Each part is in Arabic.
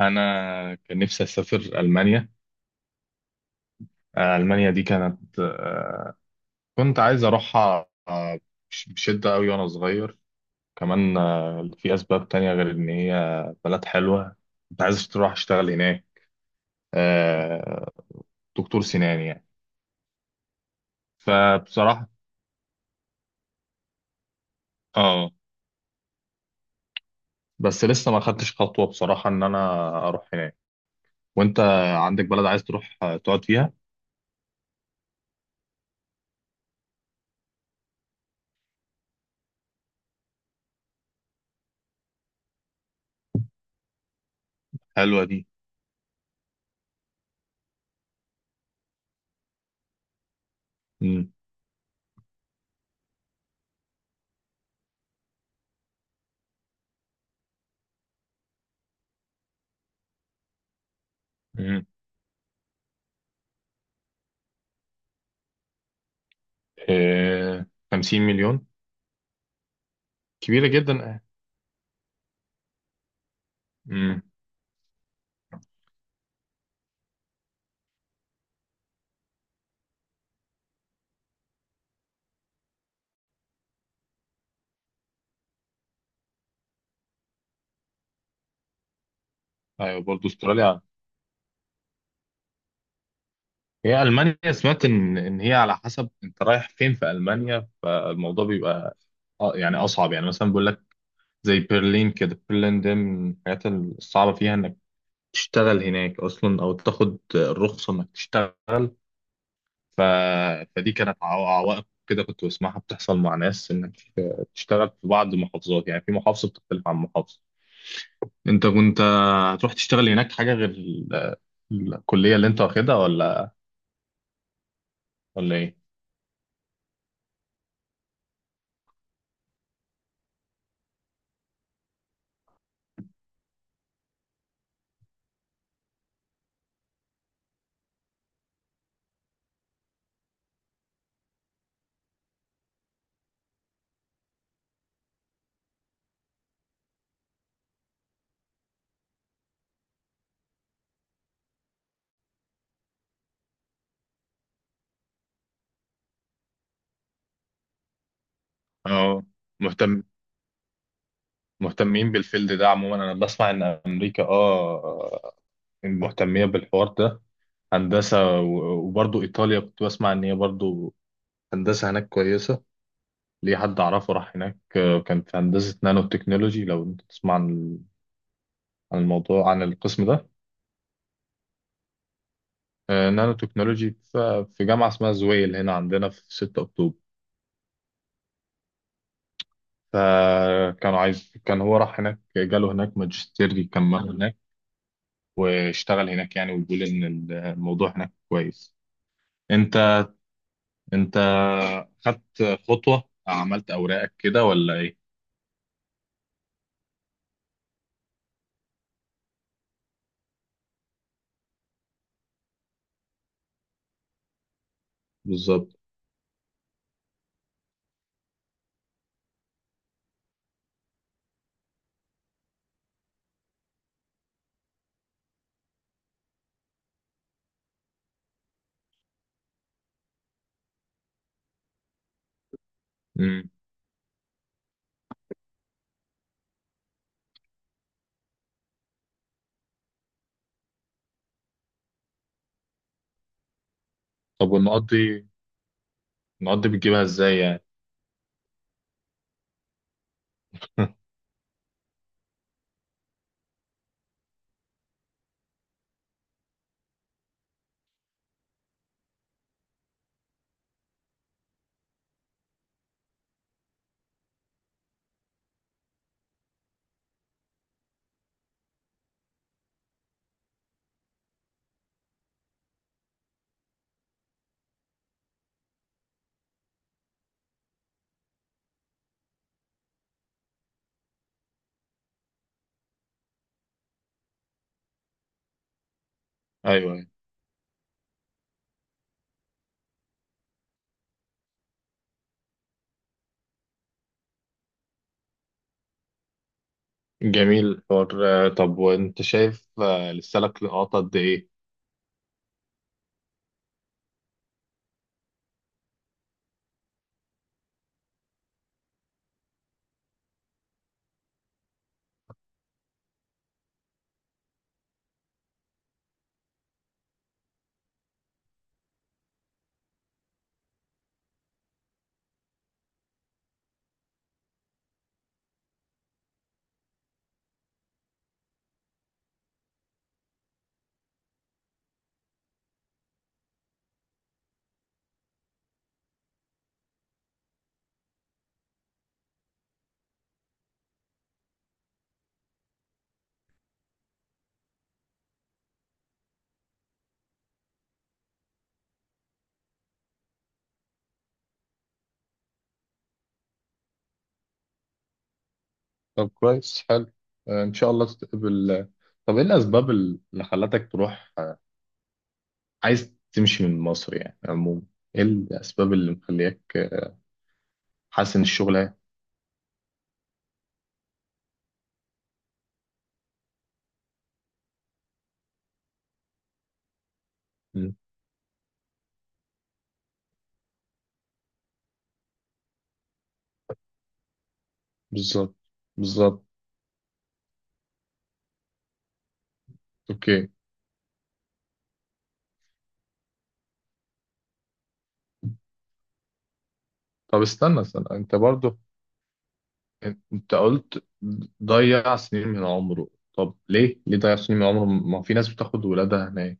انا كان نفسي اسافر المانيا. المانيا دي كانت. كنت عايز اروحها بشده قوي وانا صغير كمان. في اسباب تانية غير ان هي بلد حلوه. كنت عايز اروح اشتغل هناك، آه، دكتور سنان يعني. فبصراحه، اه، بس لسه ما خدتش خطوه بصراحه ان انا اروح هناك. وانت عندك بلد عايز تروح تقعد فيها؟ حلوه دي. امم امم 50 مليون. كبيره جدا. امم ايوه، برضه استراليا. هي المانيا سمعت ان هي على حسب انت رايح فين في المانيا، فالموضوع بيبقى يعني اصعب. يعني مثلا بيقول لك زي برلين كده، برلين ده من الحاجات الصعبه فيها انك تشتغل هناك اصلا او تاخد الرخصه انك تشتغل. ف... فدي كانت عوائق كده كنت بسمعها بتحصل مع ناس، انك تشتغل في بعض المحافظات. يعني في محافظه بتختلف عن محافظه، انت كنت هتروح تشتغل هناك حاجه غير الكليه اللي انت واخدها، ولا ايه؟ اه، مهتم مهتمين بالفيلد ده عموما. انا بسمع ان امريكا اه مهتميه بالحوار ده، هندسه، وبرضو ايطاليا كنت بسمع ان هي برضو هندسه هناك كويسه. ليه حد اعرفه راح هناك. كان في هندسه نانو تكنولوجي، لو انت تسمع عن الموضوع، عن القسم ده. نانو تكنولوجي في جامعه اسمها زويل هنا عندنا في 6 اكتوبر. فكانوا عايز، كان هو راح هناك، جاله هناك ماجستير يكمله هناك واشتغل هناك يعني. ويقول ان الموضوع هناك كويس. انت انت خدت خطوة، عملت اوراقك كده ولا ايه؟ بالظبط. امم طب، والنقط دي النقط دي بتجيبها ازاي يعني؟ ايوه، أيوة. جميل الحوار. طب وانت شايف لسه لك لقاطة قد ايه؟ طب، كويس، حلو. ان شاء الله تتقبل. طب ايه الاسباب اللي خلتك تروح، عايز تمشي من مصر يعني عموما؟ ايه الاسباب اللي مخليك حاسس ان الشغل؟ بالظبط، بالظبط. اوكي. طب استنى، استنى، انت برضو، انت قلت ضيع سنين من عمره. طب ليه ضيع سنين من عمره؟ ما في ناس بتاخد ولادها هناك؟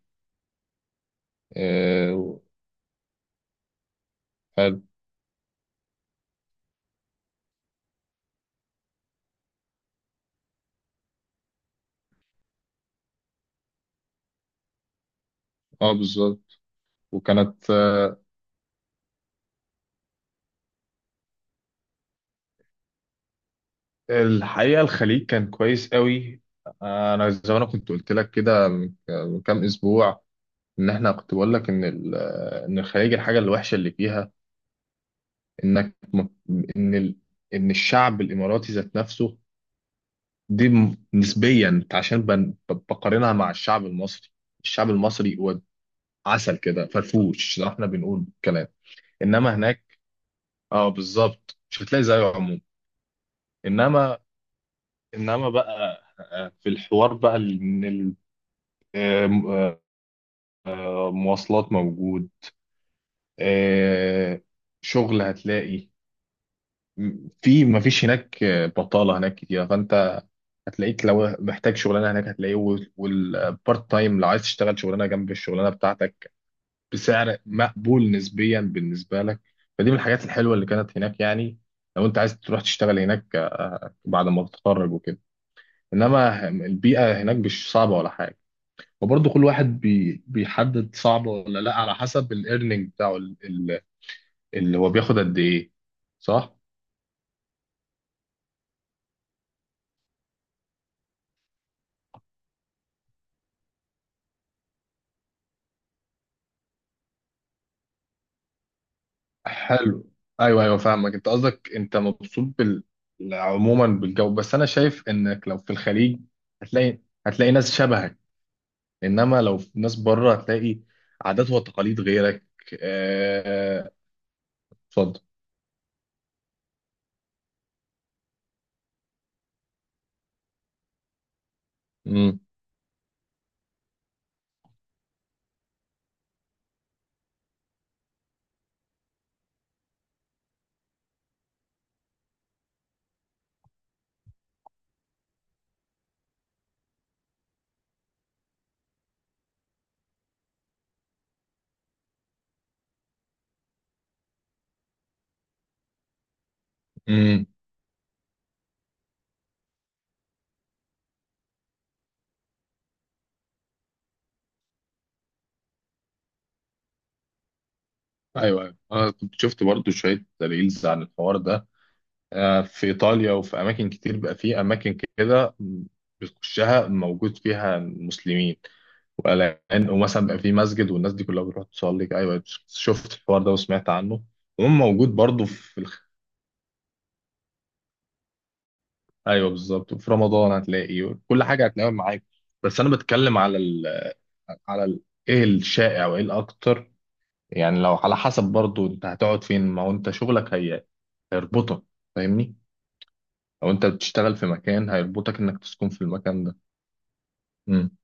اه، حلو. اه، بالظبط. وكانت، الحقيقة الخليج كان كويس قوي. انا زي ما انا كنت قلت لك كده من كام اسبوع، ان احنا، كنت بقول لك ان ال- آه، ان الخليج، الحاجة الوحشة اللي فيها انك م- ان ال- ان الشعب الاماراتي ذات نفسه، دي نسبيا عشان بقارنها مع الشعب المصري. الشعب المصري هو عسل كده، فرفوش زي ما احنا بنقول كلام. انما هناك، اه بالظبط، مش هتلاقي زيه عموما. انما انما بقى في الحوار بقى ال- ان ال- آه، م- آه، مواصلات موجود. آه، شغل هتلاقي. في ما فيش هناك بطالة هناك كتير، فانت هتلاقيك لو محتاج شغلانة هناك هتلاقيه. والبارت تايم لو عايز تشتغل شغلانة جنب الشغلانة بتاعتك بسعر مقبول نسبيا بالنسبه لك. فدي من الحاجات الحلوه اللي كانت هناك يعني، لو انت عايز تروح تشتغل هناك بعد ما تتخرج وكده. انما البيئه هناك مش صعبه ولا حاجه. وبرضه كل واحد بيحدد صعبه ولا لا على حسب الايرنينج بتاعه، اللي هو بياخد قد ايه. صح. حلو. ايوه، ايوه، فاهمك. انت قصدك انت مبسوط بال عموما، بالجو. بس انا شايف انك لو في الخليج هتلاقي هتلاقي ناس شبهك. انما لو في ناس بره هتلاقي عادات وتقاليد غيرك. آه، اتفضل. امم، امم، ايوه، ايوه، انا كنت شفت برضو شويه ريلز عن الحوار ده. في ايطاليا وفي اماكن كتير بقى، في اماكن كده بتخشها موجود فيها مسلمين. والان، ومثلا بقى في مسجد والناس دي كلها بتروح تصلي، ايوه، شفت الحوار ده وسمعت عنه. وهم موجود برضو ايوه، بالظبط، في رمضان هتلاقي كل حاجه هتلاقيها معاك. بس انا بتكلم على ال- ايه الشائع وايه الاكتر؟ يعني لو على حسب برضو انت هتقعد فين. ما هو انت شغلك هي هيربطك، فاهمني؟ لو انت بتشتغل في مكان هيربطك انك تسكن في المكان ده. امم.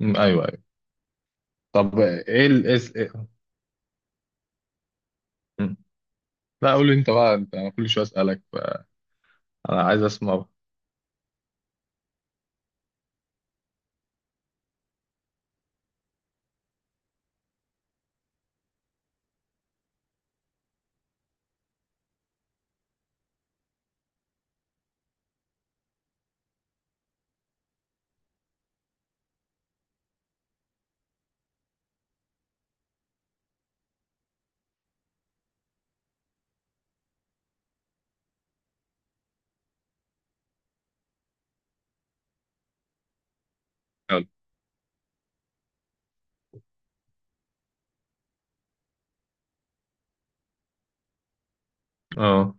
أمم، ايوه، ايوه. طب ايه ال إيه س- إيه- أمم. لا، قول لي انت بقى. انا كل شويه اسالك. انا عايز اسمع. يلا. اه،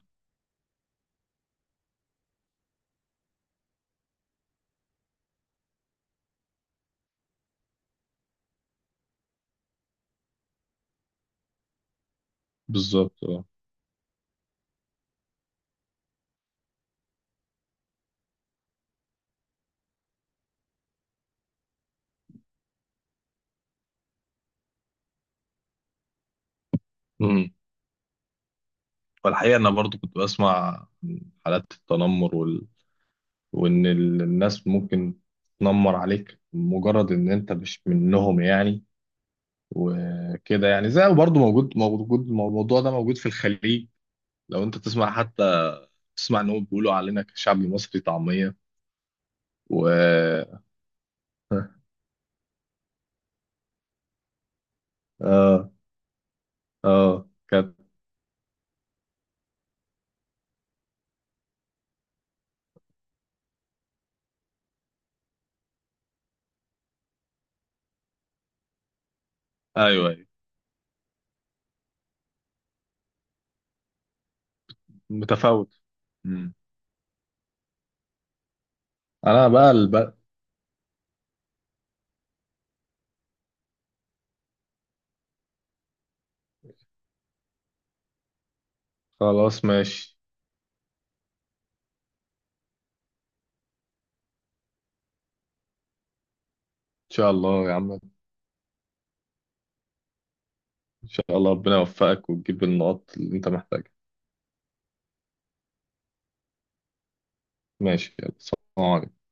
بالظبط. اه. امم والحقيقه انا برضو كنت بسمع عن حالات التنمر وان الناس ممكن تنمر عليك مجرد ان انت مش منهم يعني. وكده يعني زي برضه موجود الموضوع ده موجود في الخليج. لو انت تسمع، حتى تسمع ان هم بيقولوا علينا كشعب مصري طعمية. و اه، اه، كانت. ايوه، أيوة. متفاوت. مم. انا بقى البقى. خلاص، ماشي. ان شاء الله يا عم. ان شاء الله ربنا يوفقك وتجيب النقط اللي انت محتاجها. ماشي، يلا، سلام عليكم.